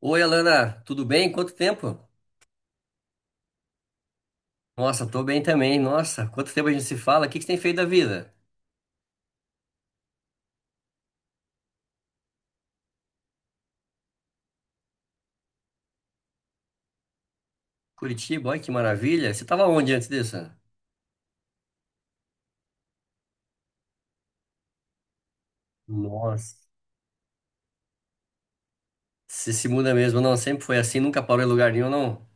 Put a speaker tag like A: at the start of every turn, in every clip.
A: Oi, Alana, tudo bem? Quanto tempo? Nossa, tô bem também. Nossa, quanto tempo a gente se fala? O que que você tem feito da vida? Curitiba, olha que maravilha. Você tava onde antes disso? Nossa, você se muda mesmo, não? Sempre foi assim, nunca parou em lugar nenhum, não?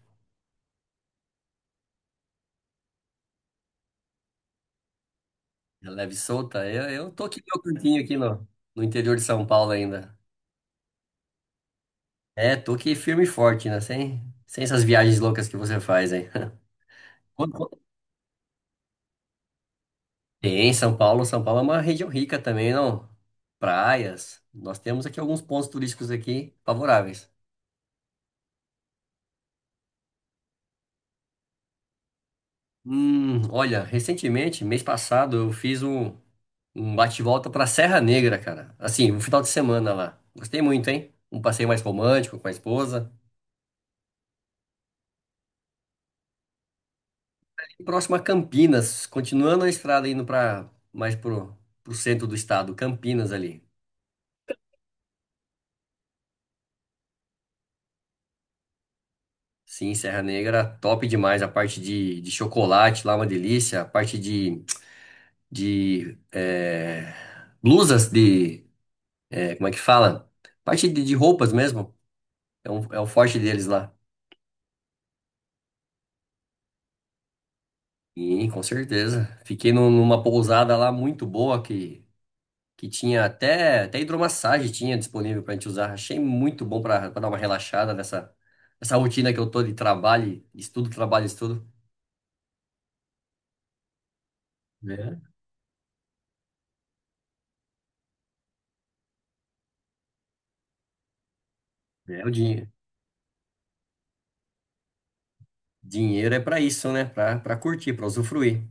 A: É, leve e solta. Eu tô aqui no meu cantinho aqui no interior de São Paulo ainda. É, tô aqui firme e forte, né? Sem essas viagens loucas que você faz, hein? Quando- quando- Tem, São Paulo. São Paulo é uma região rica também, não? Praias. Nós temos aqui alguns pontos turísticos aqui favoráveis. Olha, recentemente, mês passado, eu fiz um bate-volta pra Serra Negra, cara. Assim, um final de semana lá. Gostei muito, hein? Um passeio mais romântico com a esposa. E próximo a Campinas, continuando a estrada indo pra mais pro centro do estado, Campinas ali. Sim, Serra Negra, top demais. A parte de chocolate lá, uma delícia. A parte de blusas de. Como é que fala? Parte de roupas mesmo. É o forte deles lá. Sim, com certeza. Fiquei numa pousada lá muito boa que tinha até hidromassagem tinha disponível para a gente usar. Achei muito bom para dar uma relaxada nessa rotina que eu tô de trabalho, estudo, trabalho, estudo. Né. É, o dinheiro. Dinheiro é para isso, né? Para curtir, para usufruir.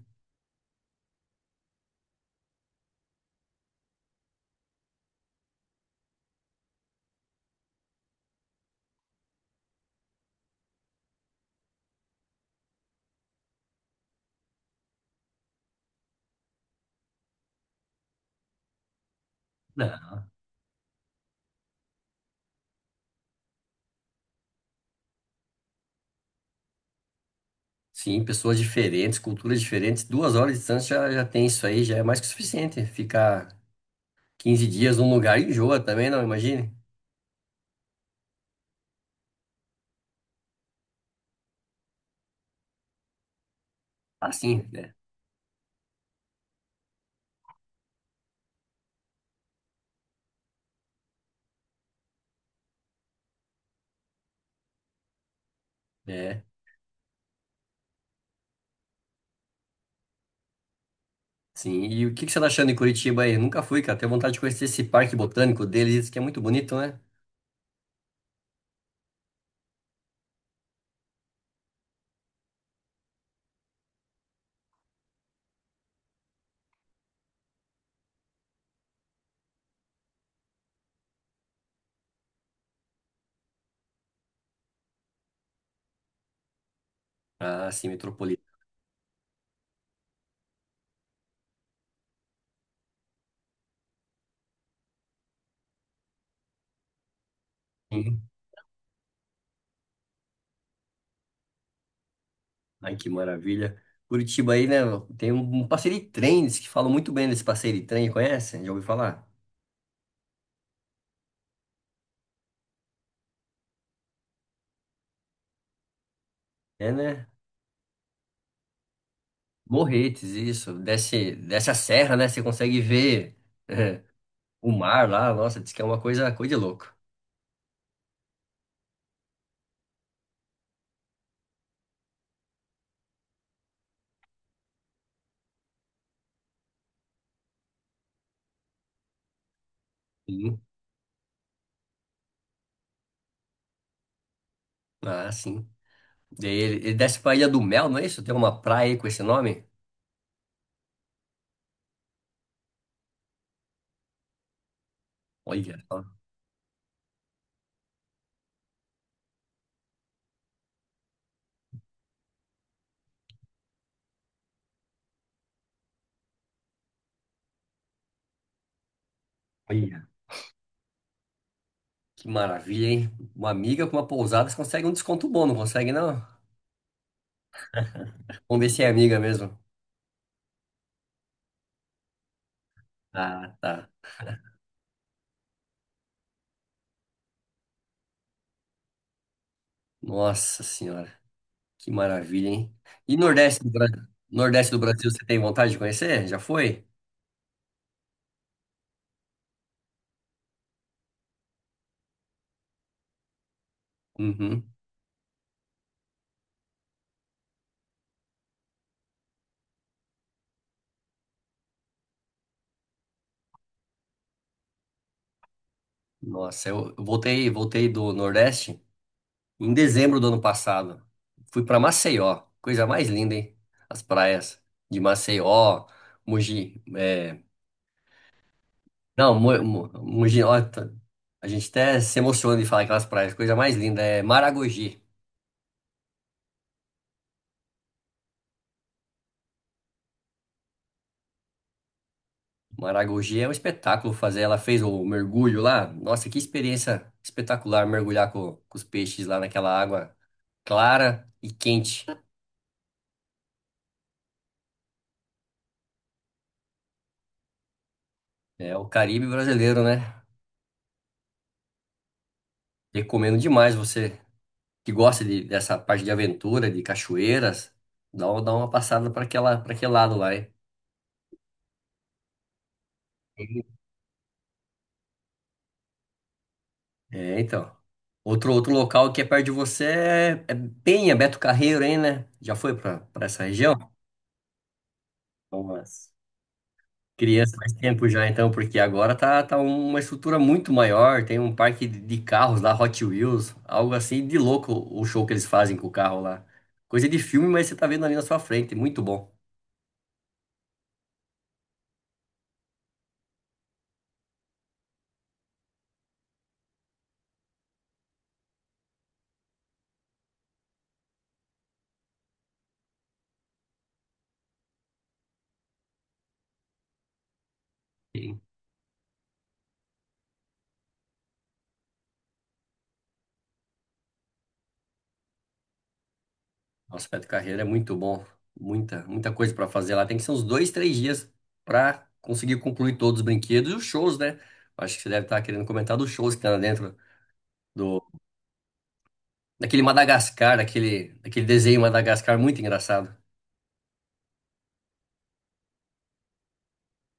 A: Não. Sim, pessoas diferentes, culturas diferentes. 2 horas de distância já tem isso aí, já é mais que o suficiente. Ficar 15 dias num lugar enjoa também, não imagine? Assim, né? Sim, e o que que você tá achando em Curitiba aí? Nunca fui, cara. Tenho vontade de conhecer esse parque botânico deles, diz que é muito bonito, né? Ah, sim, metropolitano. Ai, que maravilha. Curitiba aí, né? Tem um passeio de trem, diz que falam muito bem desse passeio de trem, conhece? Já ouviu falar? É, né? Morretes, isso. Desce, desce a serra, né? Você consegue ver é, o mar lá. Nossa, diz que é uma coisa, coisa de louco. Sim. Ah, sim. Daí ele desce pra Ilha do Mel, não é isso? Tem uma praia aí com esse nome? Olha, só. Olha. Que maravilha, hein? Uma amiga com uma pousada, você consegue um desconto bom, não consegue, não? Vamos ver se é amiga mesmo. Ah, tá. Nossa senhora, que maravilha, hein? E Nordeste do Brasil? Nordeste do Brasil, você tem vontade de conhecer? Já foi? Uhum. Nossa, eu voltei do Nordeste em dezembro do ano passado. Fui para Maceió, coisa mais linda, hein? As praias de Maceió, Mogi, não, Mo- Mo- Mogi, ó, tá- a gente até se emociona de falar aquelas praias. Coisa mais linda é Maragogi. Maragogi é um espetáculo fazer. Ela fez o mergulho lá. Nossa, que experiência espetacular mergulhar com os peixes lá naquela água clara e quente. É o Caribe brasileiro, né? Recomendo demais você que gosta dessa parte de aventura, de cachoeiras, dá uma passada para aquele lado lá, hein? É, então. Outro local que é perto de você é Penha, Beto Carreiro, hein, né? Já foi pra essa região? Umas crianças faz tempo já, então, porque agora tá uma estrutura muito maior. Tem um parque de carros lá, Hot Wheels, algo assim de louco o show que eles fazem com o carro lá. Coisa de filme, mas você tá vendo ali na sua frente, muito bom. Nossa, Beto Carreiro é muito bom. Muita, muita coisa para fazer lá. Tem que ser uns dois, três dias para conseguir concluir todos os brinquedos e os shows, né? Acho que você deve estar querendo comentar dos shows que tá lá dentro do daquele, Madagascar, daquele desenho Madagascar muito engraçado.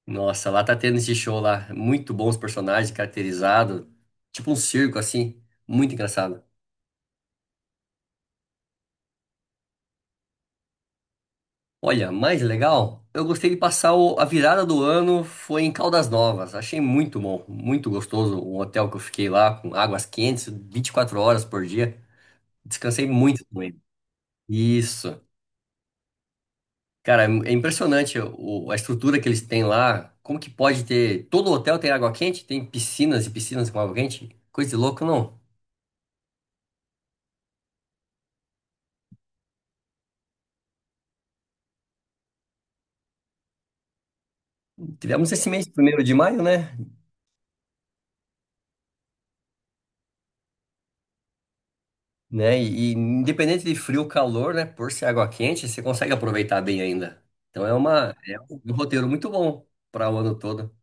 A: Nossa, lá tá tendo esse show lá. Muito bons personagens, caracterizado, tipo um circo assim, muito engraçado. Olha, mais legal, eu gostei de passar o- a virada do ano foi em Caldas Novas. Achei muito bom, muito gostoso o hotel que eu fiquei lá, com águas quentes, 24 horas por dia. Descansei muito com ele. Isso. Cara, é é impressionante o- a estrutura que eles têm lá. Como que pode ter. Todo hotel tem água quente? Tem piscinas e piscinas com água quente? Coisa de louco, não. Tivemos esse mês, 1º de maio, né? né? E independente de frio ou calor, né? Por ser água quente, você consegue aproveitar bem ainda. Então é uma é um um roteiro muito bom para o ano todo.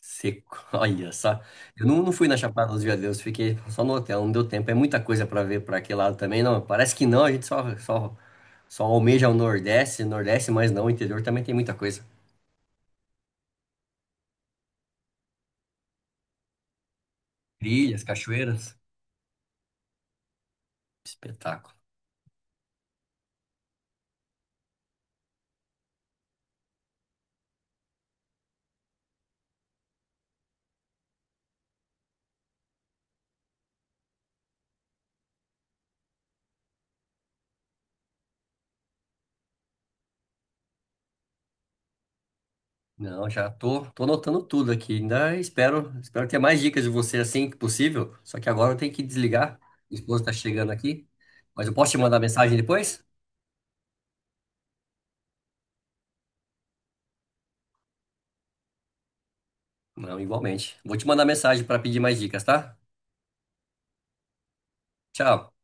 A: Seco, olha só. Eu não, não fui na Chapada dos Veadeiros, fiquei só no hotel, não deu tempo. É muita coisa para ver para aquele lado também, não. Parece que não, a gente só, só, só almeja o Nordeste, Nordeste, mas não, o interior também tem muita coisa. Trilhas, cachoeiras, espetáculo. Não, já tô, tô anotando tudo aqui. Ainda espero, espero ter mais dicas de você assim que possível. Só que agora eu tenho que desligar. Minha esposa está chegando aqui. Mas eu posso te mandar mensagem depois? Não, igualmente. Vou te mandar mensagem para pedir mais dicas, tá? Tchau.